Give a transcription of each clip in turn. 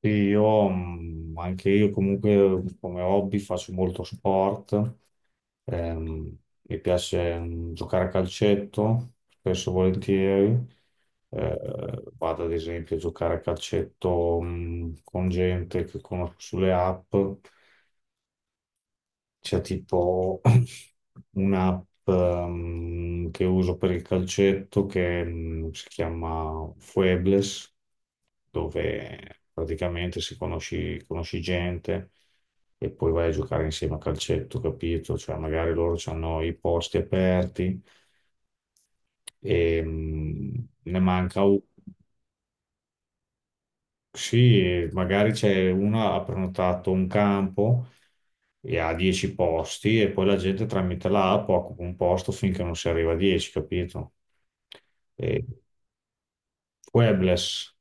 Sì, anche io comunque come hobby faccio molto sport. Mi piace giocare a calcetto, spesso e volentieri. Vado ad esempio a giocare a calcetto con gente che conosco sulle app. C'è tipo un'app che uso per il calcetto che si chiama Fuebles, dove praticamente conosci gente e poi vai a giocare insieme a calcetto, capito? Cioè magari loro hanno i posti aperti e ne manca uno. Sì, e magari c'è una ha prenotato un campo e ha 10 posti e poi la gente tramite l'app occupa un posto finché non si arriva a 10, capito? E Webless,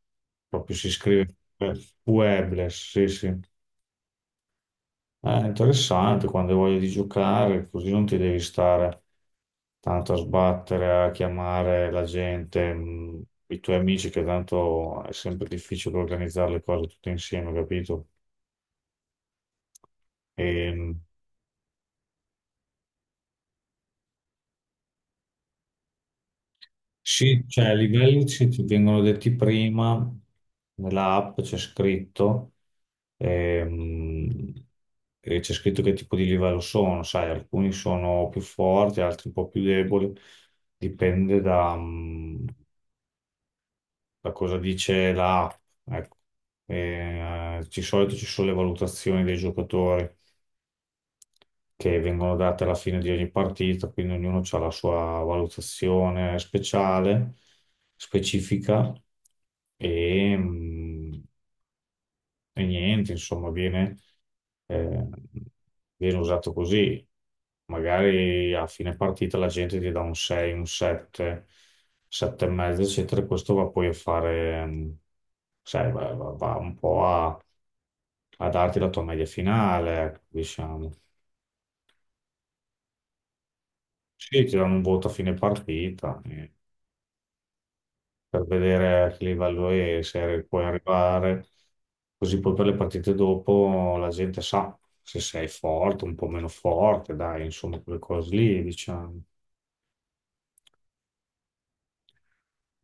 proprio si scrive. Webless, sì, sì. È interessante quando hai voglia di giocare, così non ti devi stare tanto a sbattere, a chiamare la gente, i tuoi amici, che tanto è sempre difficile organizzare le cose tutte insieme, capito? Ehm, sì, cioè i livelli ti vengono detti prima, nella app c'è scritto, ehm, e c'è scritto che tipo di livello sono, sai, alcuni sono più forti, altri un po' più deboli, dipende da cosa dice la app. Ecco. E, di solito ci sono le valutazioni dei giocatori, che vengono date alla fine di ogni partita, quindi ognuno ha la sua valutazione speciale, specifica. E, mh, e niente, insomma, eh, viene usato così. Magari a fine partita la gente ti dà un 6, un 7, 7 e mezzo, eccetera, e questo va poi a fare, sai, va un po' a darti la tua media finale, ecco, diciamo. Sì, ti danno un voto a fine partita per vedere a che livello è, se puoi arrivare, così poi per le partite dopo la gente sa se sei forte, un po' meno forte, dai, insomma, quelle cose lì, diciamo.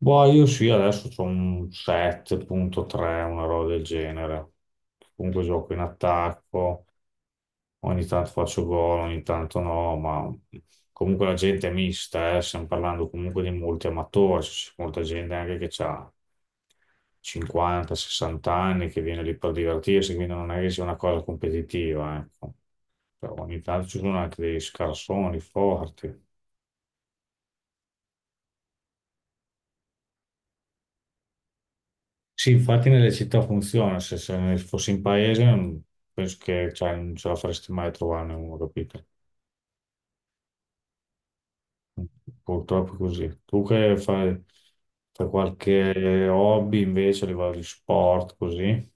Boh, io sì, adesso ho un 7,3, una roba del genere. Comunque gioco in attacco. Ogni tanto faccio gol, ogni tanto no, ma comunque la gente è mista, eh. Stiamo parlando comunque di molti amatori, c'è molta gente anche che ha 50, 60 anni che viene lì per divertirsi, quindi non è che sia una cosa competitiva, ecco. Però ogni tanto ci sono anche dei scarsoni forti. Sì, infatti nelle città funziona, se fossi in paese penso che, cioè, non ce la faresti mai a trovarne uno, capito? Purtroppo è così. Tu che fai qualche hobby invece a livello di sport, così?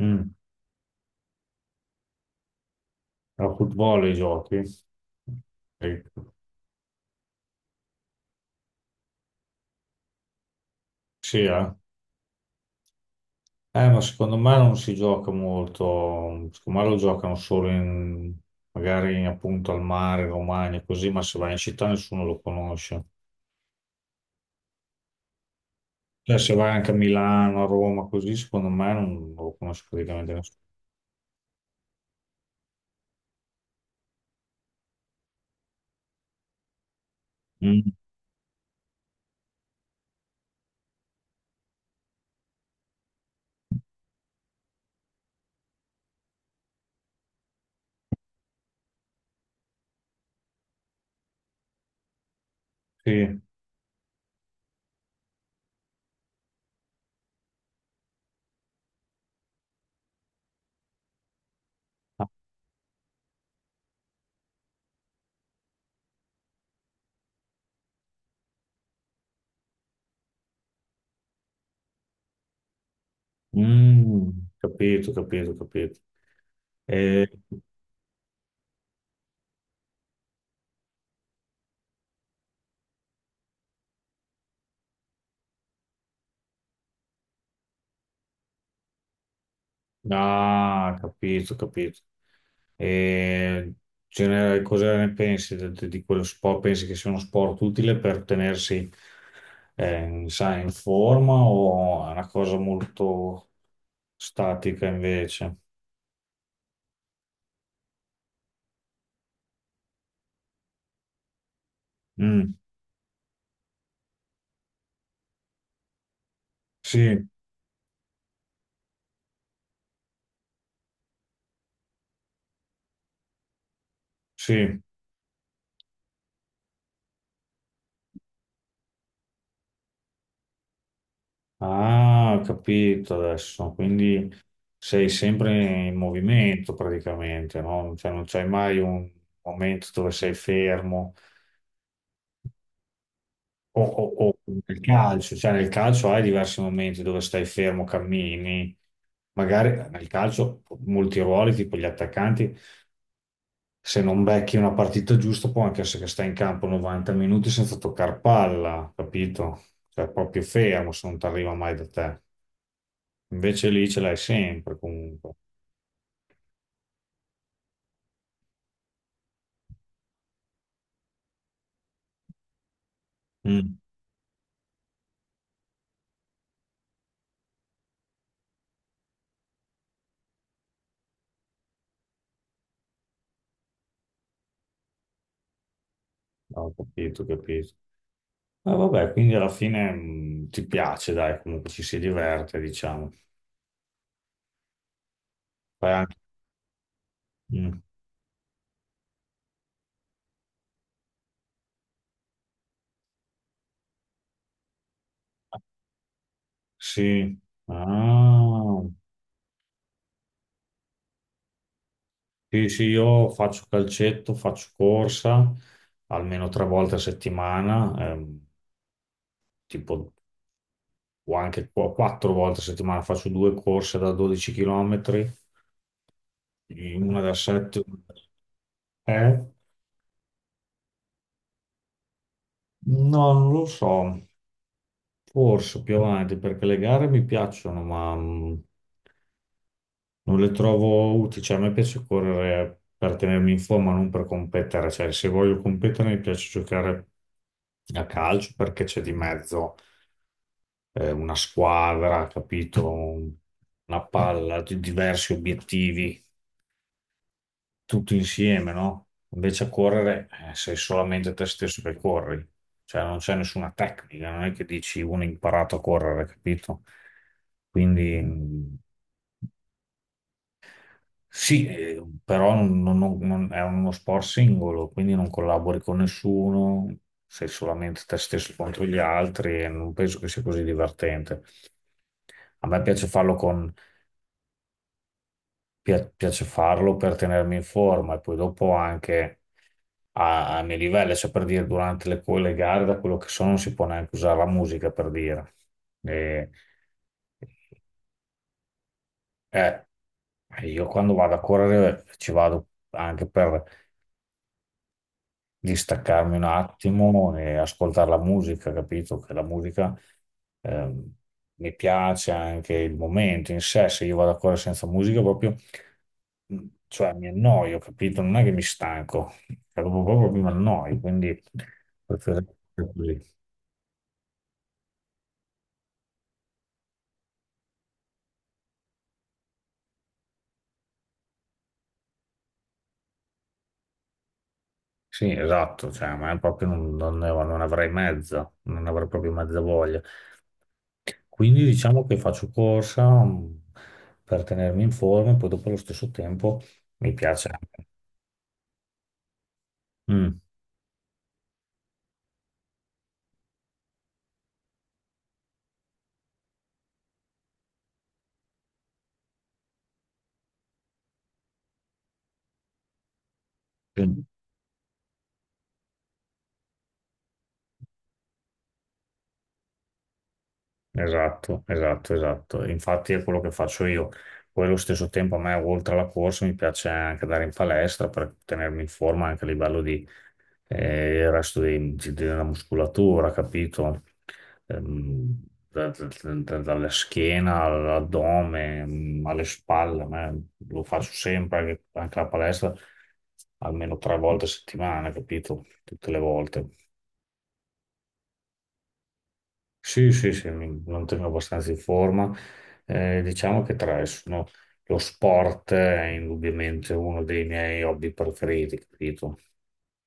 Mm. A football i giochi? Sì. Sì, eh? Ma secondo me non si gioca molto, secondo me lo giocano solo in, magari appunto al mare, in Romagna, così, ma se vai in città nessuno lo conosce. Cioè, se vai anche a Milano, a Roma, così, secondo me non lo conosce praticamente nessuno. Mm. Sì. Mm, capito, capito, capito. Eh, ah, capito, capito. E cosa ne pensi di quello sport? Pensi che sia uno sport utile per tenersi sai, in forma o è una cosa molto statica invece? Mm, sì, sì. Ah, ho capito adesso. Quindi sei sempre in movimento praticamente, no? Cioè, non c'hai mai un momento dove sei fermo. O nel calcio, cioè nel calcio hai diversi momenti dove stai fermo, cammini. Magari nel calcio molti ruoli, tipo gli attaccanti, se non becchi una partita giusta, può anche essere che stai in campo 90 minuti senza toccare palla, capito? Cioè proprio fermo se non ti arriva mai da te. Invece lì ce l'hai sempre comunque. Mm, Ho capito, ho capito. Vabbè, quindi alla fine ti piace, dai, comunque ci si diverte, diciamo. Fai anche- mm. Sì. Ah, sì, sì, io faccio calcetto, faccio corsa almeno tre volte a settimana, tipo o anche quattro volte a settimana faccio due corse da 12 km, una da 7, eh? No, non lo so. Forse più avanti, perché le gare mi piacciono, ma non le trovo utili. Cioè, a me piace correre per tenermi in forma, non per competere. Cioè, se voglio competere, mi piace giocare a calcio perché c'è di mezzo una squadra, capito? Una palla, di diversi obiettivi, tutto insieme, no? Invece a correre sei solamente te stesso che corri, cioè non c'è nessuna tecnica, non è che dici uno ha imparato a correre, capito? Quindi sì, però è uno sport singolo, quindi non collabori con nessuno, sei solamente te stesso contro gli altri e non penso che sia così divertente. A me piace farlo per tenermi in forma e poi dopo anche ai miei livelli, cioè per dire durante le gare, da quello che so, non si può neanche usare la musica per dire. E- eh, io quando vado a correre ci vado anche per di staccarmi un attimo e ascoltare la musica, capito? Che la musica ehm, mi piace anche il momento in sé, se io vado a correre senza musica proprio, cioè mi annoio, capito? Non è che mi stanco, cioè, proprio, proprio mi annoio, quindi preferisco così. Sì, esatto, cioè, ma è proprio non avrei proprio mezza voglia. Quindi diciamo che faccio corsa per tenermi in forma e poi dopo allo stesso tempo mi piace. Mm, mm. Esatto, esatto, esatto. Infatti è quello che faccio io. Poi allo stesso tempo a me, oltre alla corsa, mi piace anche andare in palestra per tenermi in forma anche a livello di, il resto della muscolatura, capito? Ehm, da- da- dalla schiena all'addome, alle spalle, a me lo faccio sempre anche la palestra almeno tre volte a settimana, capito? Tutte le volte. Sì, sì, sì, mi mantengo abbastanza in forma. Diciamo che tre sono lo sport è indubbiamente uno dei miei hobby preferiti, capito?